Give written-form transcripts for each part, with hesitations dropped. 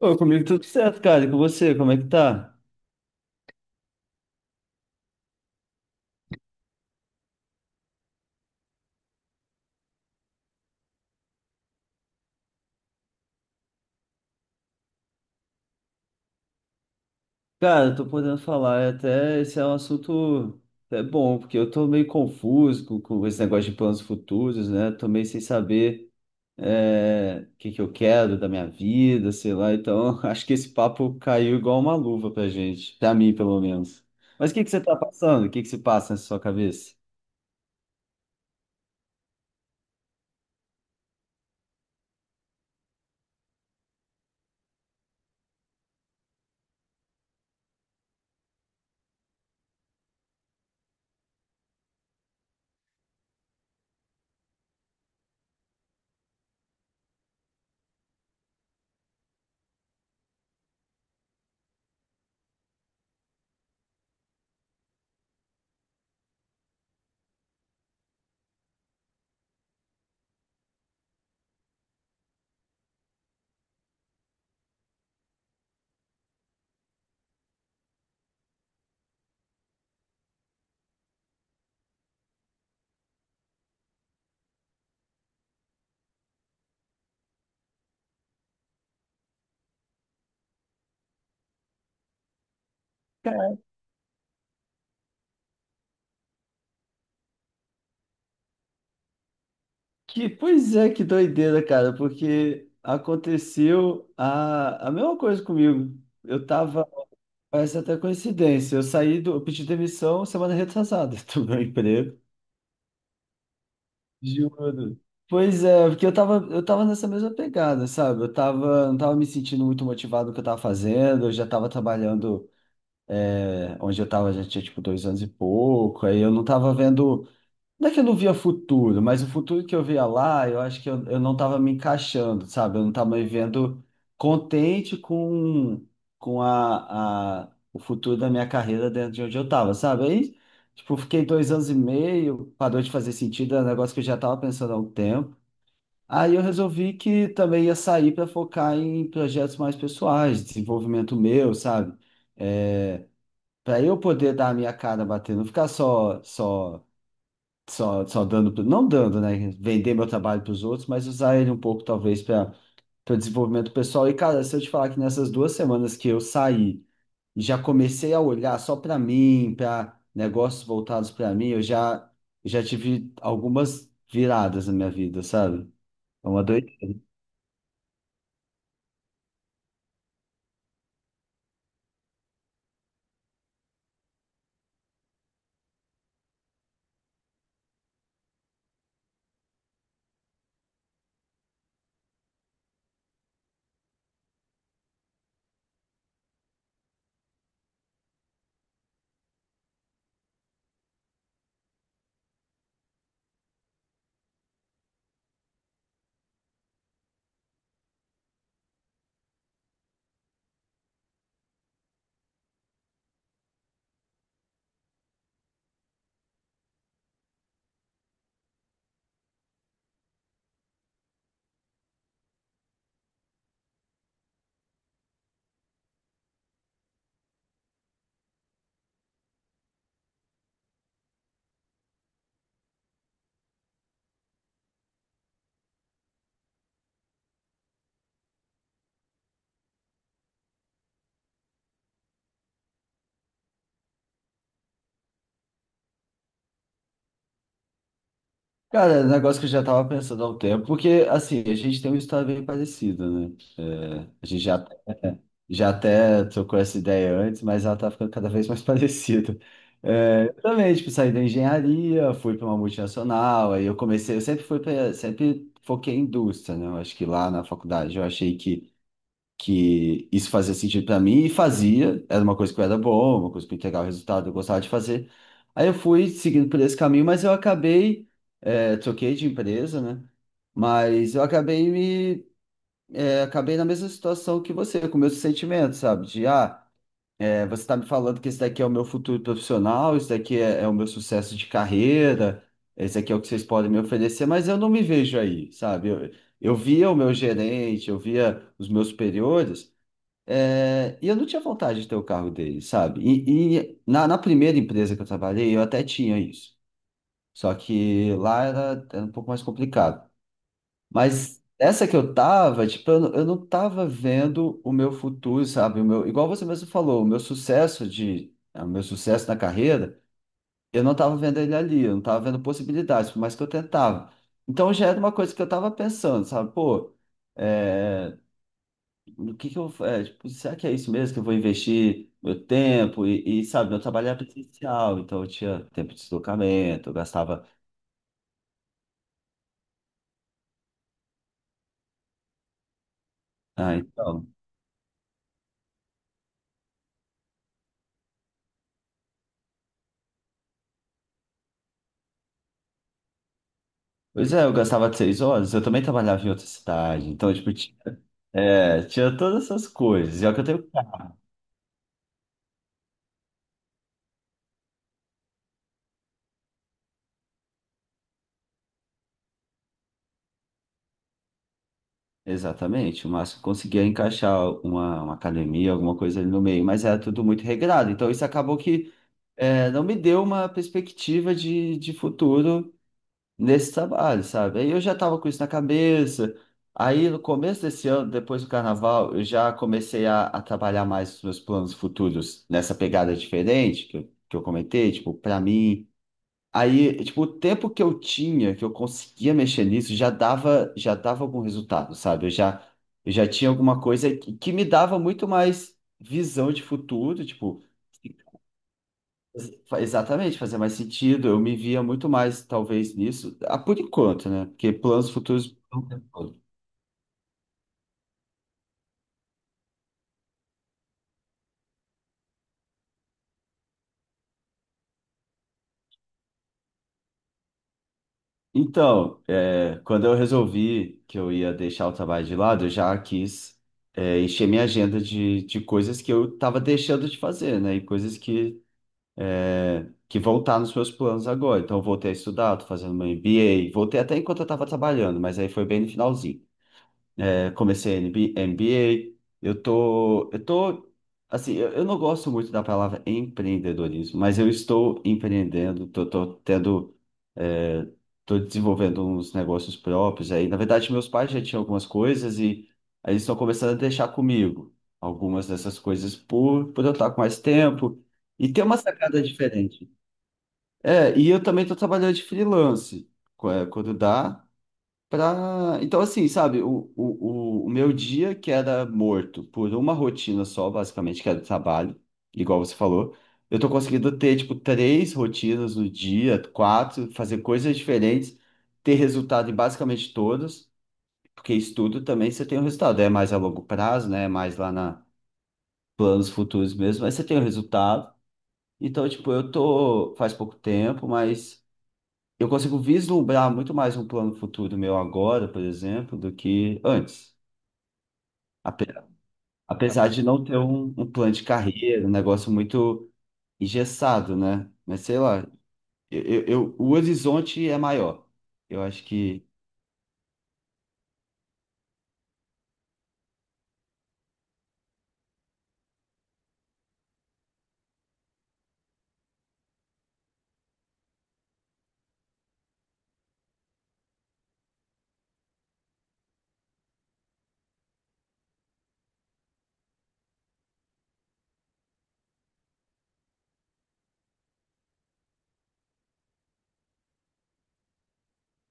Ô, comigo tudo certo, cara. E com você, como é que tá? Cara, eu tô podendo falar, é até esse é um assunto bom, porque eu tô meio confuso com esse negócio de planos futuros, né? Tô meio sem saber o que que eu quero da minha vida, sei lá. Então, acho que esse papo caiu igual uma luva pra gente, pra mim, pelo menos. Mas o que que você tá passando? O que que se passa na sua cabeça? Pois é, que doideira, cara, porque aconteceu a mesma coisa comigo. Eu tava Parece até coincidência. Eu pedi demissão semana retrasada do meu emprego. Juro. Pois é, porque eu tava nessa mesma pegada, sabe? Eu tava, não tava me sentindo muito motivado no que eu tava fazendo, eu já tava trabalhando onde eu tava, já tinha tipo dois anos e pouco, aí eu não tava vendo. Não é que eu não via futuro, mas o futuro que eu via lá, eu acho eu não estava me encaixando, sabe? Eu não estava me vendo contente com o futuro da minha carreira dentro de onde eu estava, sabe? Aí, tipo, fiquei dois anos e meio, parou de fazer sentido, era um negócio que eu já estava pensando há um tempo. Aí eu resolvi que também ia sair para focar em projetos mais pessoais, desenvolvimento meu, sabe? É, Para eu poder dar a minha cara bater, não ficar só, só dando, não dando, né? Vender meu trabalho para os outros, mas usar ele um pouco, talvez, para o desenvolvimento pessoal. E, cara, se eu te falar que nessas duas semanas que eu saí e já comecei a olhar só para mim, para negócios voltados para mim, já tive algumas viradas na minha vida, sabe? É uma doideira. Cara, é um negócio que eu já tava pensando há um tempo, porque, assim, a gente tem uma história bem parecida, né? É, a gente já, já até trocou essa ideia antes, mas ela tá ficando cada vez mais parecida. É, eu também, tipo, saí da engenharia, fui para uma multinacional, eu sempre fui para, sempre foquei em indústria, né? Eu acho que lá na faculdade eu achei que isso fazia sentido pra mim e fazia, era uma coisa que eu era boa, uma coisa que eu entregava resultado, eu gostava de fazer. Aí eu fui seguindo por esse caminho, troquei de empresa, né? Mas eu acabei me, acabei na mesma situação que você, com meus sentimentos, sabe? Você tá me falando que esse daqui é o meu futuro profissional, isso daqui é o meu sucesso de carreira, esse daqui é o que vocês podem me oferecer, mas eu não me vejo aí, sabe? Eu via o meu gerente, eu via os meus superiores, e eu não tinha vontade de ter o carro dele, sabe? E na, na primeira empresa que eu trabalhei, eu até tinha isso. Só que lá era, era um pouco mais complicado. Mas essa que eu tava, tipo, eu não tava vendo o meu futuro, sabe? O meu, igual você mesmo falou, o meu sucesso na carreira, eu não tava vendo ele ali, eu não tava vendo possibilidades, por mais que eu tentava. Então já era uma coisa que eu tava pensando, sabe? Pô. eh, do que eu, é, tipo, será que é isso mesmo que eu vou investir meu tempo sabe, meu trabalho era presencial, então eu tinha tempo de deslocamento, eu gastava, ah, então, pois é, eu gastava seis horas, eu também trabalhava em outra cidade, então, tipo, tinha, tinha todas essas coisas, e é o que eu tenho, exatamente, o máximo que eu conseguia encaixar uma academia, alguma coisa ali no meio, mas era tudo muito regrado, então isso acabou que, não me deu uma perspectiva de futuro nesse trabalho, sabe? Aí eu já tava com isso na cabeça. Aí no começo desse ano, depois do carnaval, eu já comecei a trabalhar mais os meus planos futuros nessa pegada diferente que eu comentei, tipo, pra mim. Aí, tipo, o tempo que eu tinha, que eu conseguia mexer nisso, já dava algum resultado, sabe? Eu já tinha alguma coisa que me dava muito mais visão de futuro, tipo. Exatamente, fazia mais sentido. Eu me via muito mais, talvez, nisso, ah, por enquanto, né? Porque planos futuros não tem como. Então, é, quando eu resolvi que eu ia deixar o trabalho de lado, eu já quis, encher minha agenda de coisas que eu estava deixando de fazer, né? E coisas que vão estar nos meus planos agora. Então, eu voltei a estudar, estou fazendo meu MBA, voltei até enquanto eu estava trabalhando, mas aí foi bem no finalzinho. Eu comecei MBA, eu tô, eu tô, assim, eu não gosto muito da palavra empreendedorismo, mas eu estou empreendendo, é, tô desenvolvendo uns negócios próprios aí. Na verdade, meus pais já tinham algumas coisas e aí eles estão começando a deixar comigo algumas dessas coisas por eu estar com mais tempo e ter uma sacada diferente. É, e eu também estou trabalhando de freelance, quando dá. Pra... Então, assim, sabe, o meu dia que era morto por uma rotina só, basicamente, que era o trabalho, igual você falou, eu tô conseguindo ter, tipo, três rotinas no dia, quatro, fazer coisas diferentes, ter resultado em basicamente todas, porque estudo também você tem um resultado, é mais a longo prazo, né, é mais lá na planos futuros mesmo, mas você tem o resultado. Então, tipo, eu tô faz pouco tempo, mas eu consigo vislumbrar muito mais um plano futuro meu agora, por exemplo, do que antes. Ape- Apesar de não ter um plano de carreira, um negócio muito engessado, né? Mas sei lá, o horizonte é maior. Eu acho que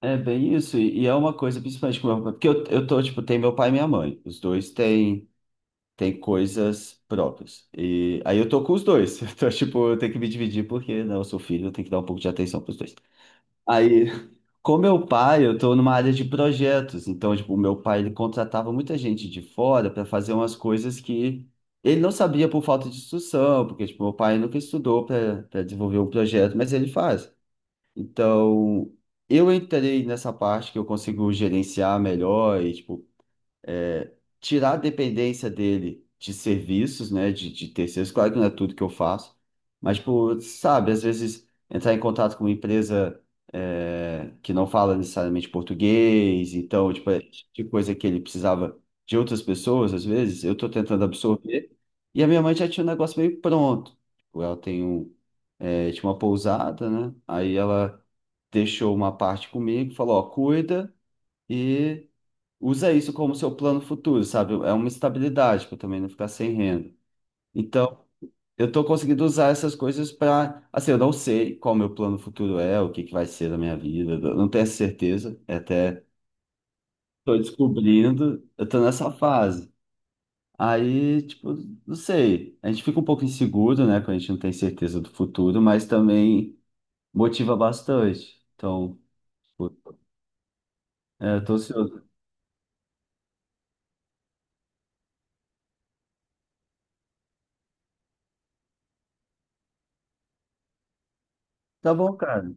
é bem isso. E é uma coisa, principalmente com meu pai, porque eu tô, tipo, tem meu pai e minha mãe. Têm coisas próprias. E aí eu tô com os dois. Então, tipo, eu tenho que me dividir, porque, não, eu sou filho, eu tenho que dar um pouco de atenção pros dois. Aí, com meu pai, eu estou numa área de projetos, então, tipo, o meu pai, ele contratava muita gente de fora para fazer umas coisas que ele não sabia por falta de instrução, porque, tipo, meu pai nunca estudou para desenvolver um projeto, mas ele faz. Então, eu entrei nessa parte que eu consigo gerenciar melhor e, tipo, é, tirar a dependência dele de serviços, né, de terceiros, claro que não é tudo que eu faço, mas, tipo, sabe, às vezes entrar em contato com uma empresa que não fala necessariamente português, então, tipo, é tipo de coisa que ele precisava de outras pessoas, às vezes, eu estou tentando absorver, e a minha mãe já tinha um negócio meio pronto. Tipo, ela tem um, tinha uma pousada, né, aí ela deixou uma parte comigo, falou, ó, cuida, e usa isso como seu plano futuro, sabe? É uma estabilidade para também não ficar sem renda. Então, eu estou conseguindo usar essas coisas para, assim, eu não sei qual o meu plano futuro é, o que que vai ser da minha vida, eu não tenho essa certeza, é até estou descobrindo, eu estou nessa fase. Aí, tipo, não sei, a gente fica um pouco inseguro, né, quando a gente não tem certeza do futuro, mas também motiva bastante. Então, tipo, eu tô ansioso. Tá bom, cara.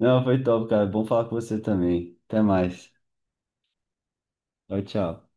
Não, foi top, cara. Bom falar com você também. Até mais. Tchau, tchau.